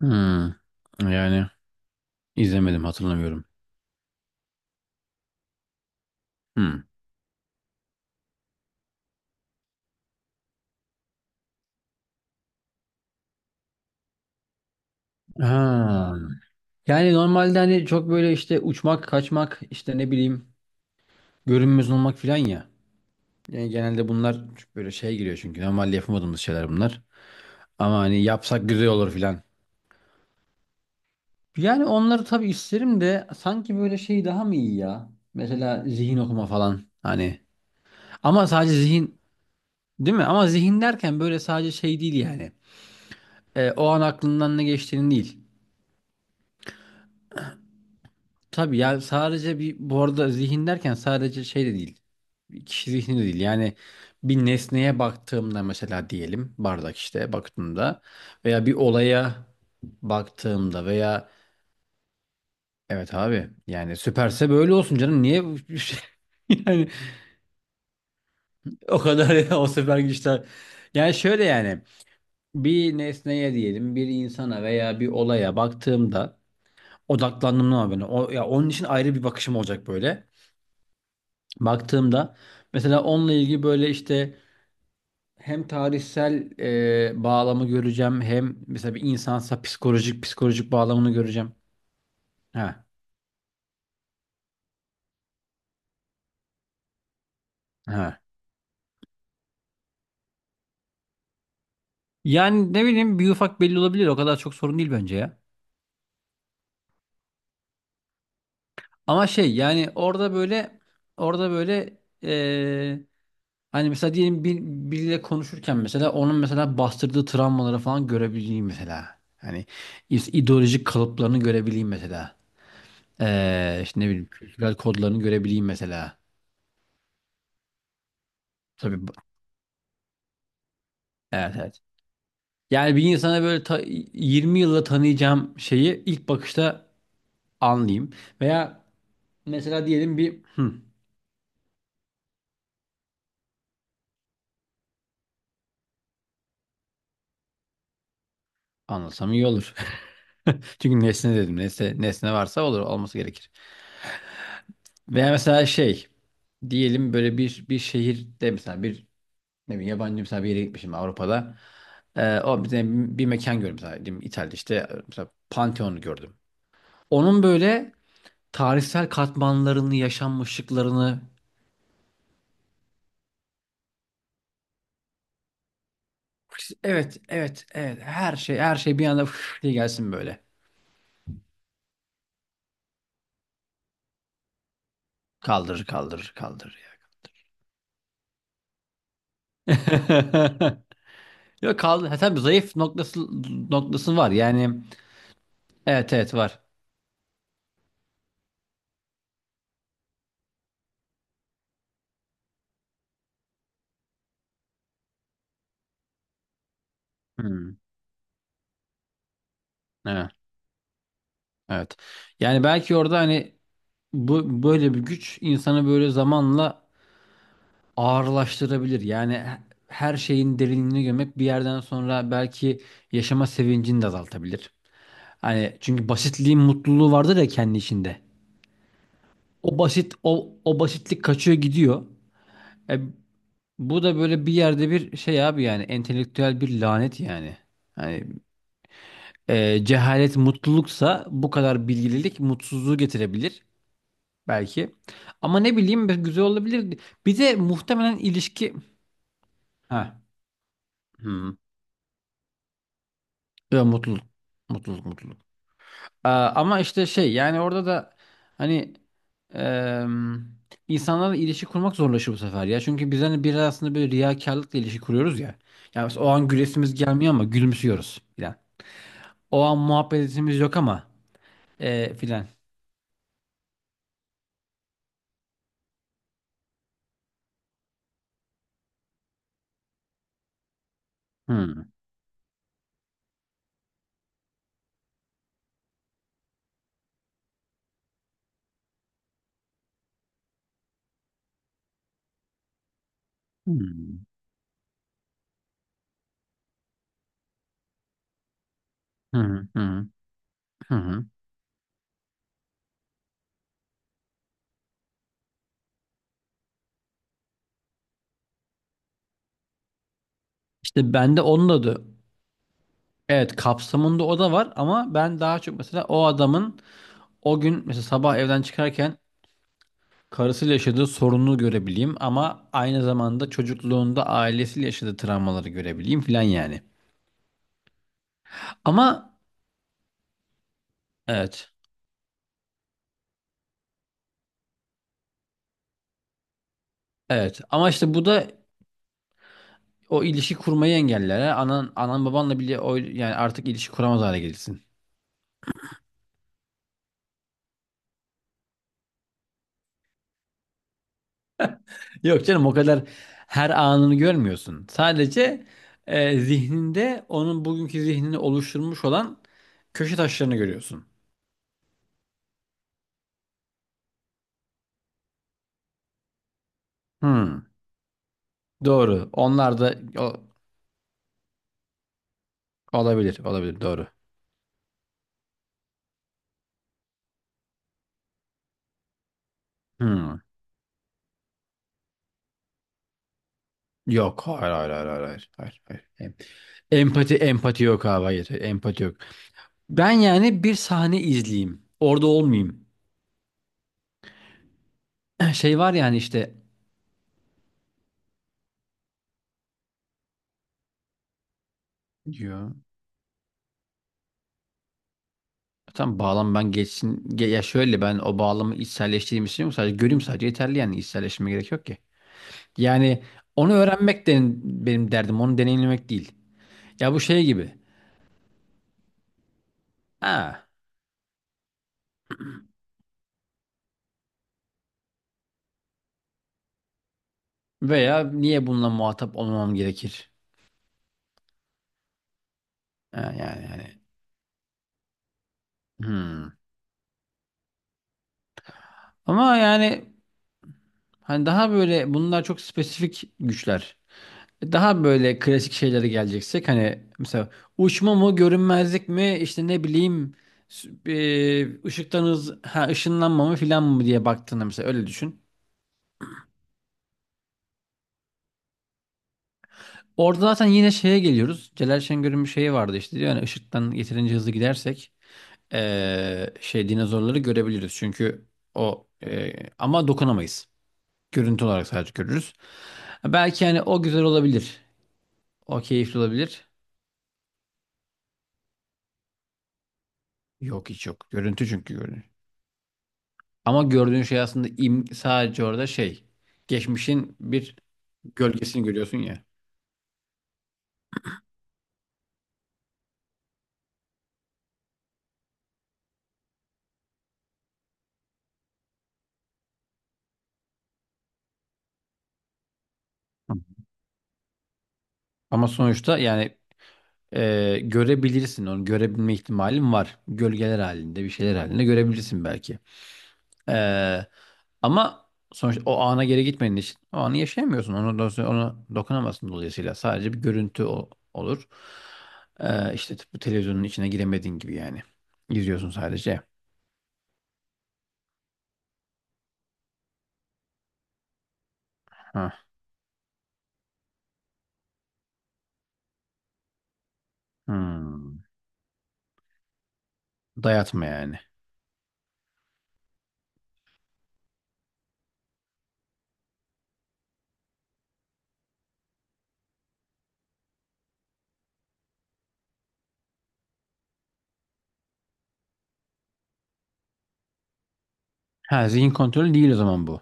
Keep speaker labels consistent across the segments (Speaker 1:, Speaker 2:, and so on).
Speaker 1: Hmm. Yani izlemedim hatırlamıyorum. Hmm. Ha. Yani normalde hani çok böyle işte uçmak, kaçmak, işte ne bileyim görünmez olmak filan ya. Yani genelde bunlar böyle şey giriyor çünkü normalde yapamadığımız şeyler bunlar. Ama hani yapsak güzel olur filan. Yani onları tabii isterim de sanki böyle şey daha mı iyi ya? Mesela zihin okuma falan hani. Ama sadece zihin değil mi? Ama zihin derken böyle sadece şey değil yani. E, o an aklından ne geçtiğini değil. Tabii ya sadece bir bu arada zihin derken sadece şey de değil. Bir kişi zihni de değil. Yani bir nesneye baktığımda mesela diyelim bardak işte baktığımda veya bir olaya baktığımda veya evet abi yani süperse böyle olsun canım niye yani o kadar ya, o süper güçler yani şöyle yani bir nesneye diyelim bir insana veya bir olaya baktığımda odaklandım ama ben o ya onun için ayrı bir bakışım olacak böyle. Baktığımda mesela onunla ilgili böyle işte hem tarihsel bağlamı göreceğim hem mesela bir insansa psikolojik bağlamını göreceğim. Ha, ha. Yani ne bileyim bir ufak belli olabilir, o kadar çok sorun değil bence ya. Ama şey yani orada böyle orada böyle e, hani mesela diyelim biriyle konuşurken mesela onun mesela bastırdığı travmaları falan görebileyim mesela. Hani ideolojik kalıplarını görebileyim mesela. İşte ne bileyim kültürel kodlarını görebileyim mesela. Tabii evet, evet. Yani bir insana böyle 20 yılda tanıyacağım şeyi ilk bakışta anlayayım. Veya mesela diyelim bir anlasam iyi olur. Çünkü nesne dedim. Nesne varsa olur, olması gerekir. Veya mesela şey diyelim böyle bir şehirde mesela bir ne bileyim yabancı, mesela bir yere gitmişim Avrupa'da. O bir mekan gördüm mesela, diyelim İtalya'da işte mesela Pantheon'u gördüm. Onun böyle tarihsel katmanlarını, yaşanmışlıklarını evet, evet, evet, her şey, her şey bir anda fış diye gelsin böyle. Kaldırır, kaldırır, kaldırır ya. Yok, kaldı. Ha, tabii zayıf noktası var. Yani evet, evet var. Hmm, evet, evet. Yani belki orada hani bu böyle bir güç insanı böyle zamanla ağırlaştırabilir. Yani her şeyin derinliğine gömek bir yerden sonra belki yaşama sevincini de azaltabilir. Hani çünkü basitliğin mutluluğu vardır ya kendi içinde. O basitlik kaçıyor, gidiyor. E, bu da böyle bir yerde bir şey abi, yani entelektüel bir lanet yani. Hani cehalet mutluluksa bu kadar bilgililik mutsuzluğu getirebilir belki. Ama ne bileyim, bir- güzel olabilir. Bir de muhtemelen ilişki. Ha. Hmm. Ya mutluluk, mutluluk, mutluluk. Ama işte şey yani orada da hani em, insanlarla ilişki kurmak zorlaşıyor bu sefer ya. Çünkü biz hani biraz aslında böyle riyakarlıkla ilişki kuruyoruz ya. Yani mesela o an güresimiz gelmiyor ama gülümsüyoruz filan. O an muhabbetimiz yok ama filan. Hmm. Hmm. Hı hı, hı hı. Hı. İşte bende onun adı evet kapsamında o da var, ama ben daha çok mesela o adamın o gün mesela sabah evden çıkarken karısıyla yaşadığı sorunu görebileyim ama aynı zamanda çocukluğunda ailesiyle yaşadığı travmaları görebileyim filan yani. Ama evet. Evet. Ama işte bu da o ilişki kurmayı engeller. Ha. Anan babanla bile o yani artık ilişki kuramaz hale gelirsin. Yok canım, o kadar her anını görmüyorsun. Sadece zihninde onun bugünkü zihnini oluşturmuş olan köşe taşlarını görüyorsun. Hmm, doğru. Onlar da olabilir, olabilir, doğru. Hmm. Yok. Hayır, hayır, hayır, hayır. Hayır, hayır, hayır. Empati yok abi. Hayır. Empati yok. Ben yani bir sahne izleyeyim. Orada olmayayım. Şey var yani işte diyor. Tam bağlam ben geçsin. Ya şöyle, ben o bağlamı içselleştireyim istiyorum. Sadece göreyim sadece, yeterli yani, içselleştirme gerek yok ki. Yani onu öğrenmek de benim derdim. Onu deneyimlemek değil. Ya bu şey gibi. Ha. Veya niye bununla muhatap olmam gerekir? Ha, yani. Hmm. Ama yani hani daha böyle bunlar çok spesifik güçler. E, daha böyle klasik şeylere geleceksek hani mesela uçma mı, görünmezlik mi, işte ne bileyim ışıktan hız ışınlanma mı filan mı diye baktığında mesela, öyle düşün. Orada zaten yine şeye geliyoruz. Celal Şengör'ün bir şeyi vardı işte, diyor yani ışıktan yeterince hızlı gidersek şey dinozorları görebiliriz. Çünkü o ama dokunamayız. Görüntü olarak sadece görürüz. Belki hani o güzel olabilir. O keyifli olabilir. Yok, hiç yok. Görüntü çünkü görünüyor. Ama gördüğün şey aslında im sadece orada şey. Geçmişin bir gölgesini görüyorsun ya. Hı. Ama sonuçta yani görebilirsin onu. Görebilme ihtimalin var. Gölgeler halinde, bir şeyler halinde görebilirsin belki. E, ama sonuçta o ana geri gitmediğin için o anı yaşayamıyorsun. Onu dokunamazsın dolayısıyla. Sadece bir görüntü olur. E, işte bu televizyonun içine giremediğin gibi yani. İzliyorsun sadece. Hah. Hmm. Dayatma yani. Ha, zihin kontrolü değil o zaman bu.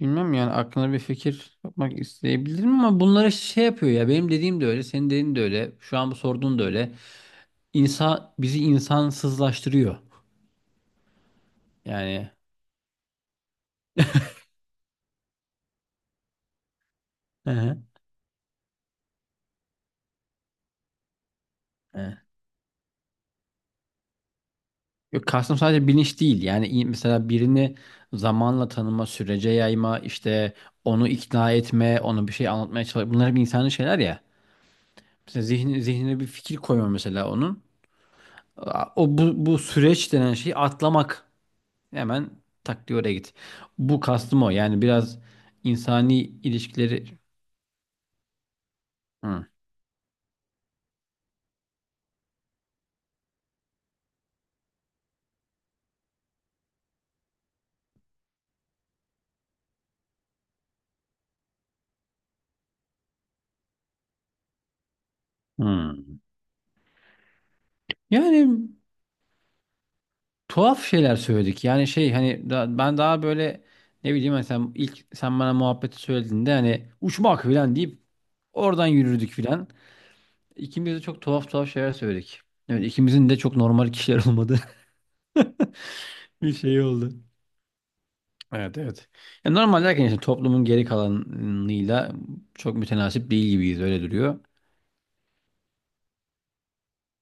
Speaker 1: Bilmem, yani aklına bir fikir yapmak isteyebilirim ama bunları şey yapıyor ya, benim dediğim de öyle, senin dediğin de öyle, şu an bu sorduğun da öyle. İnsan bizi insansızlaştırıyor. Yani. Hı hı. Hı. Yok, kastım sadece bilinç değil. Yani mesela birini zamanla tanıma, sürece yayma, işte onu ikna etme, onu bir şey anlatmaya çalışma. Bunlar hep insani şeyler ya. Mesela zihni, zihnine bir fikir koyma mesela onun. O bu süreç denen şeyi atlamak. Hemen tak diye oraya git. Bu kastım o. Yani biraz insani ilişkileri. Hı. Hı. Yani tuhaf şeyler söyledik. Yani şey hani ben daha böyle ne bileyim hani, sen ilk sen bana muhabbeti söylediğinde hani uçmak falan deyip oradan yürürdük falan. İkimiz de çok tuhaf tuhaf şeyler söyledik. Evet, ikimizin de çok normal kişiler olmadı. Bir şey oldu. Evet, evet. Ya normal derken işte toplumun geri kalanıyla çok mütenasip değil gibiyiz, öyle duruyor.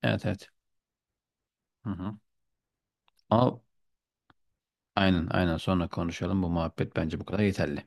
Speaker 1: Evet, evet. Hı hı. Ama aynen, aynen sonra konuşalım. Bu muhabbet bence bu kadar yeterli.